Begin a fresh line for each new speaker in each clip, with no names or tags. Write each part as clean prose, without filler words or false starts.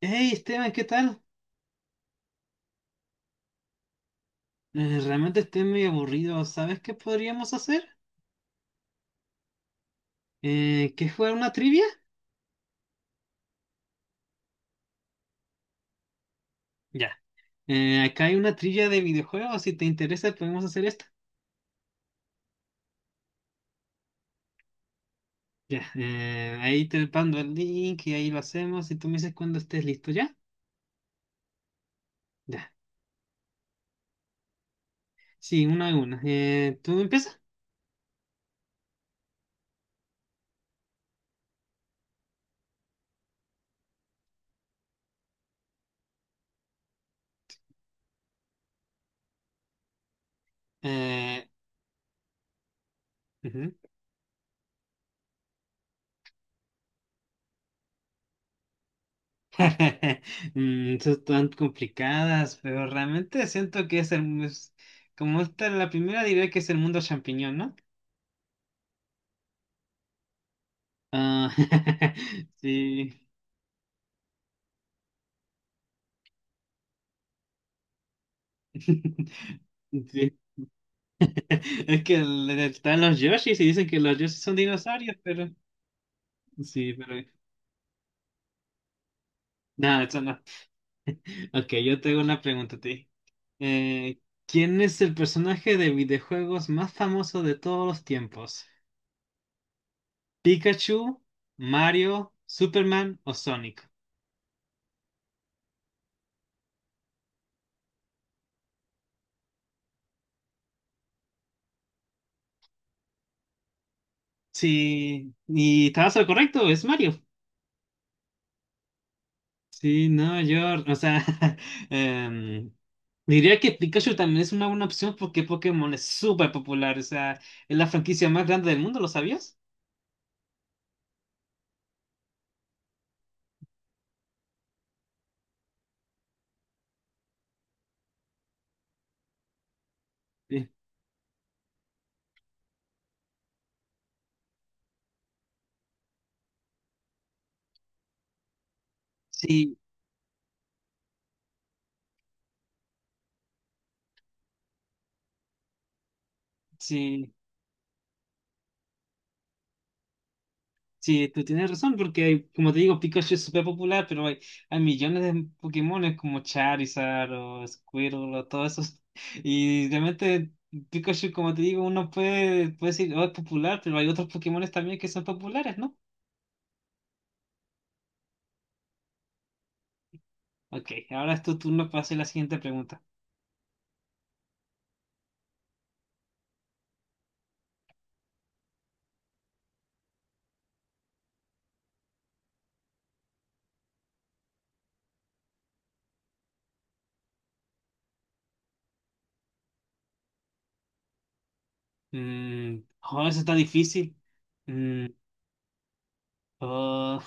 Hey Esteban, ¿qué tal? Realmente estoy medio aburrido. ¿Sabes qué podríamos hacer? ¿Qué jugar una trivia? Ya. Acá hay una trivia de videojuegos. Si te interesa, podemos hacer esta. Ya. Ahí te mando el link y ahí lo hacemos. Y tú me dices cuando estés listo, ¿ya? Ya. Sí, una a una. ¿Tú empiezas? Eh, Ujú. Son tan complicadas, pero realmente siento que como esta es la primera, diría que es el mundo champiñón, ¿no? Ah, sí. Sí. Es que están los Yoshis y dicen que los Yoshis son dinosaurios, pero sí, pero nada, eso no. Ok, yo tengo una pregunta a ti. Eh, ¿Quién es el personaje de videojuegos más famoso de todos los tiempos? ¿Pikachu, Mario, Superman o Sonic? Sí, y estabas al correcto, es Mario. Sí, no, o sea, em, diría que Pikachu también es una buena opción porque Pokémon es súper popular, o sea, es la franquicia más grande del mundo, ¿lo sabías? Sí. Sí, sí, sí, tú tienes razón porque, como te digo, Pikachu es súper popular, pero hay millones de Pokémones como Charizard o Squirtle o todo eso, y realmente Pikachu, como te digo, puede decir, oh, es popular, pero hay otros Pokémones también que son populares, ¿no? Ok, ahora es tu turno para hacer la siguiente pregunta. Mm, joder, eso está difícil. Mm, oh,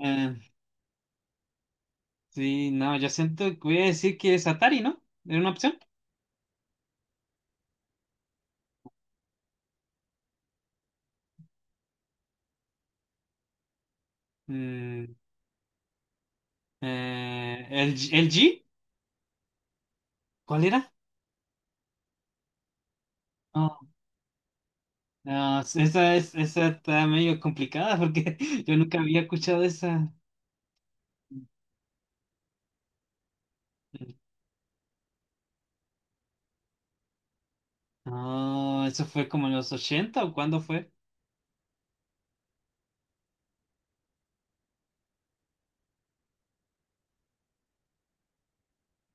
eh, sí, no, yo siento que voy a decir que es Atari, ¿no? ¿Era una opción? Mm, ¿El, el G? ¿Cuál era? Oh, no, esa está medio complicada porque yo nunca había escuchado esa. ¿No? Eso fue como en los ochenta, ¿o cuándo fue?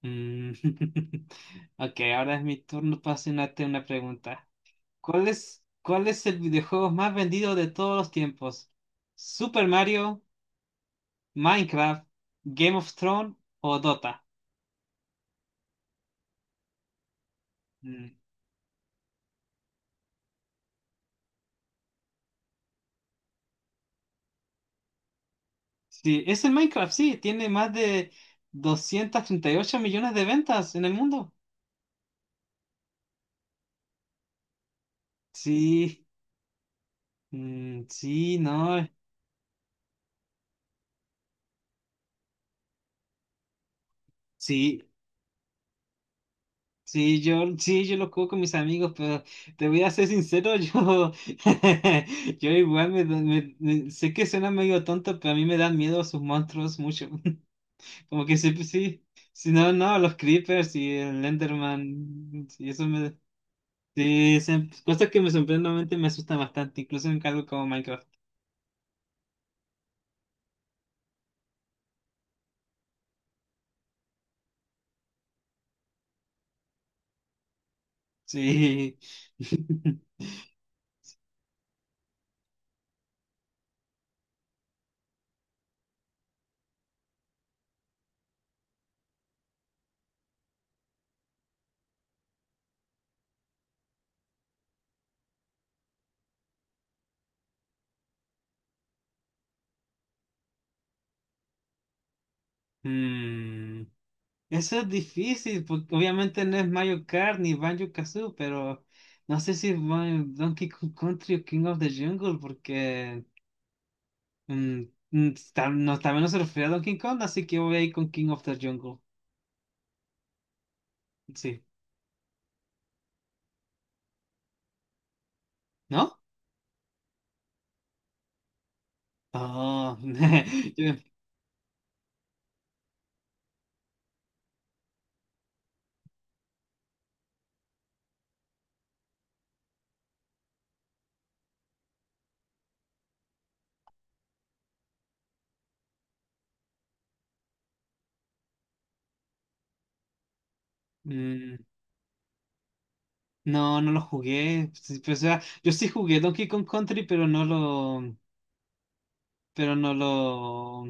Mm. Ok, ahora es mi turno para hacerte una pregunta. ¿Cuál es el videojuego más vendido de todos los tiempos? ¿Super Mario, Minecraft, Game of Thrones o Dota? Mm. Sí, es el Minecraft, sí, tiene más de 238 millones de ventas en el mundo. Sí, mm, sí, no, sí, sí, sí, yo lo juego con mis amigos, pero te voy a ser sincero, yo igual sé que suena medio tonto, pero a mí me dan miedo sus monstruos mucho. Como que sí, sí, si no, no, los creepers y el Enderman, sí, cosas que me sorprendentemente me asustan bastante, incluso en algo como Minecraft. Sí. Mm, eso es difícil, porque obviamente no es Mario Kart ni Banjo-Kazooie, pero no sé si es Donkey Kong Country o King of the Jungle, porque mm, no, también no se refiere a Donkey Kong, así que voy a ir con King of the Jungle. Sí, ¿no? Oh, yo- mm, no, no lo jugué. Sí, pues, o sea, yo sí jugué Donkey Kong Country, pero no lo,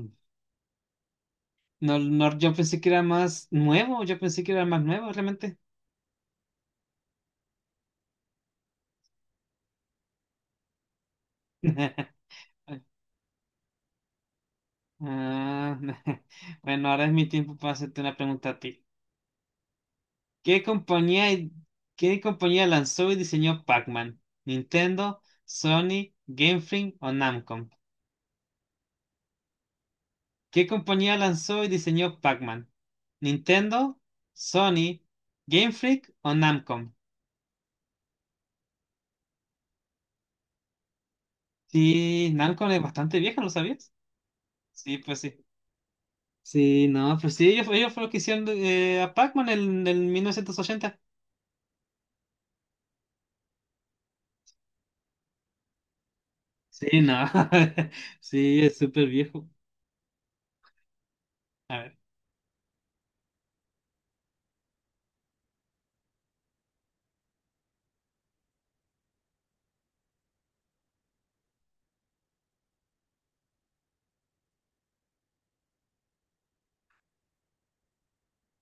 no, no- yo pensé que era más nuevo, yo pensé que era más nuevo realmente. Ah, bueno, ahora es mi tiempo para hacerte una pregunta a ti. ¿Qué compañía, ¿qué compañía lanzó y diseñó Pac-Man? ¿Nintendo, Sony, Game Freak o Namco? ¿Qué compañía lanzó y diseñó Pac-Man? Nintendo, Sony, Game Freak o Namcom. Sí, Namcom es bastante vieja, ¿lo sabías? Sí, pues sí. Sí, no, pues sí, ellos fueron los que hicieron a Pac-Man en 1980. Sí, no. Sí, es súper viejo. A ver.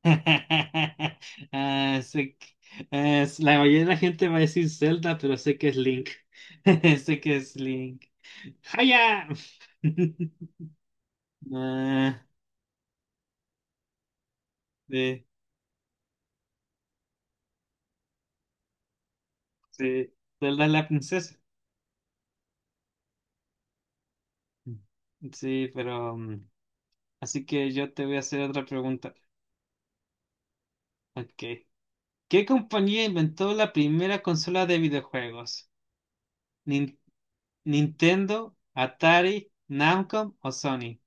Ah, la mayoría de la gente va a decir Zelda, pero sé que es Link. Sé que es Link. ¡Haya! Ah, sí, sí. Zelda es la princesa. Sí, pero... así que yo te voy a hacer otra pregunta. Ok. ¿Qué compañía inventó la primera consola de videojuegos? Nin- ¿Nintendo, Atari, Namco o Sony?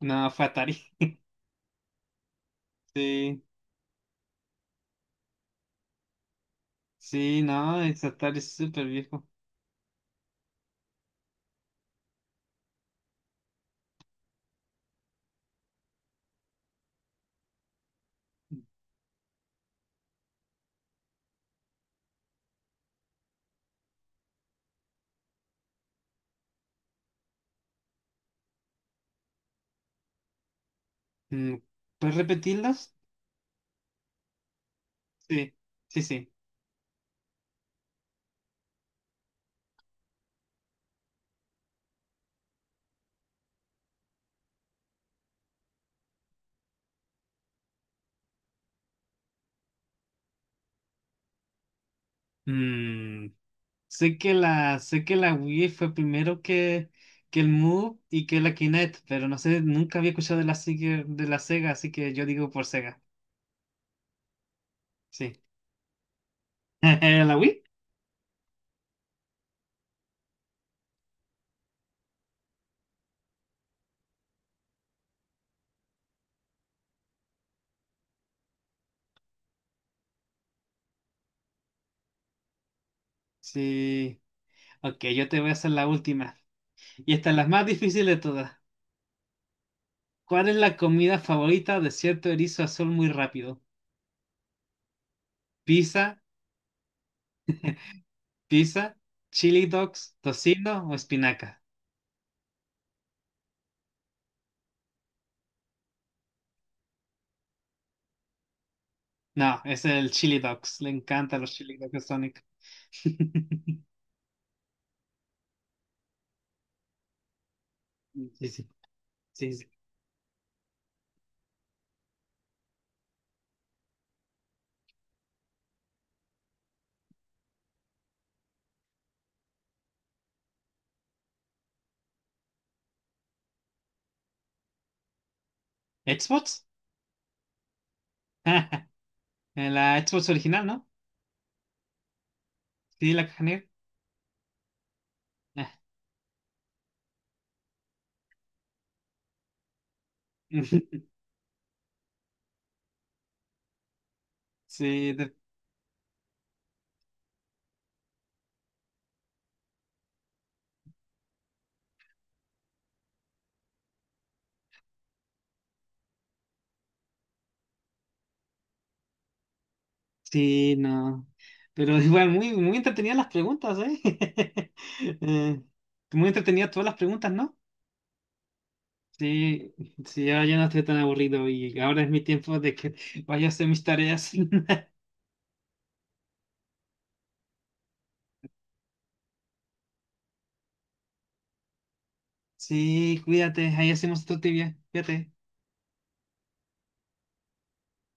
No, fue Atari. Sí, sí, no, es Atari, es súper viejo. Mm, ¿puedes repetirlas? Sí, sí, sí. Mm, sé que la Wii fue primero que el Move y que la Kinect, pero no sé, nunca había escuchado de la Sega, así que yo digo por Sega. Sí. ¿La Wii? Sí. Ok, yo te voy a hacer la última. Y esta es la más difícil de todas. ¿Cuál es la comida favorita de cierto erizo azul muy rápido? ¿Pizza, ¿pizza, chili dogs, tocino o espinaca? No, es el chili dogs. Le encantan los chili dogs a Sonic. Sí, sí, sí, sí. ¿Xbox? En la Xbox original, ¿no? Sí, la caja negra. Ah. Sí, de- sí, no. Pero igual, muy, muy entretenidas las preguntas, ¿eh? Eh, muy entretenidas todas las preguntas, ¿no? Sí, sí, ahora ya no estoy tan aburrido y ahora es mi tiempo de que vaya a hacer mis tareas. Sí, cuídate, ahí hacemos otro tibia. Cuídate.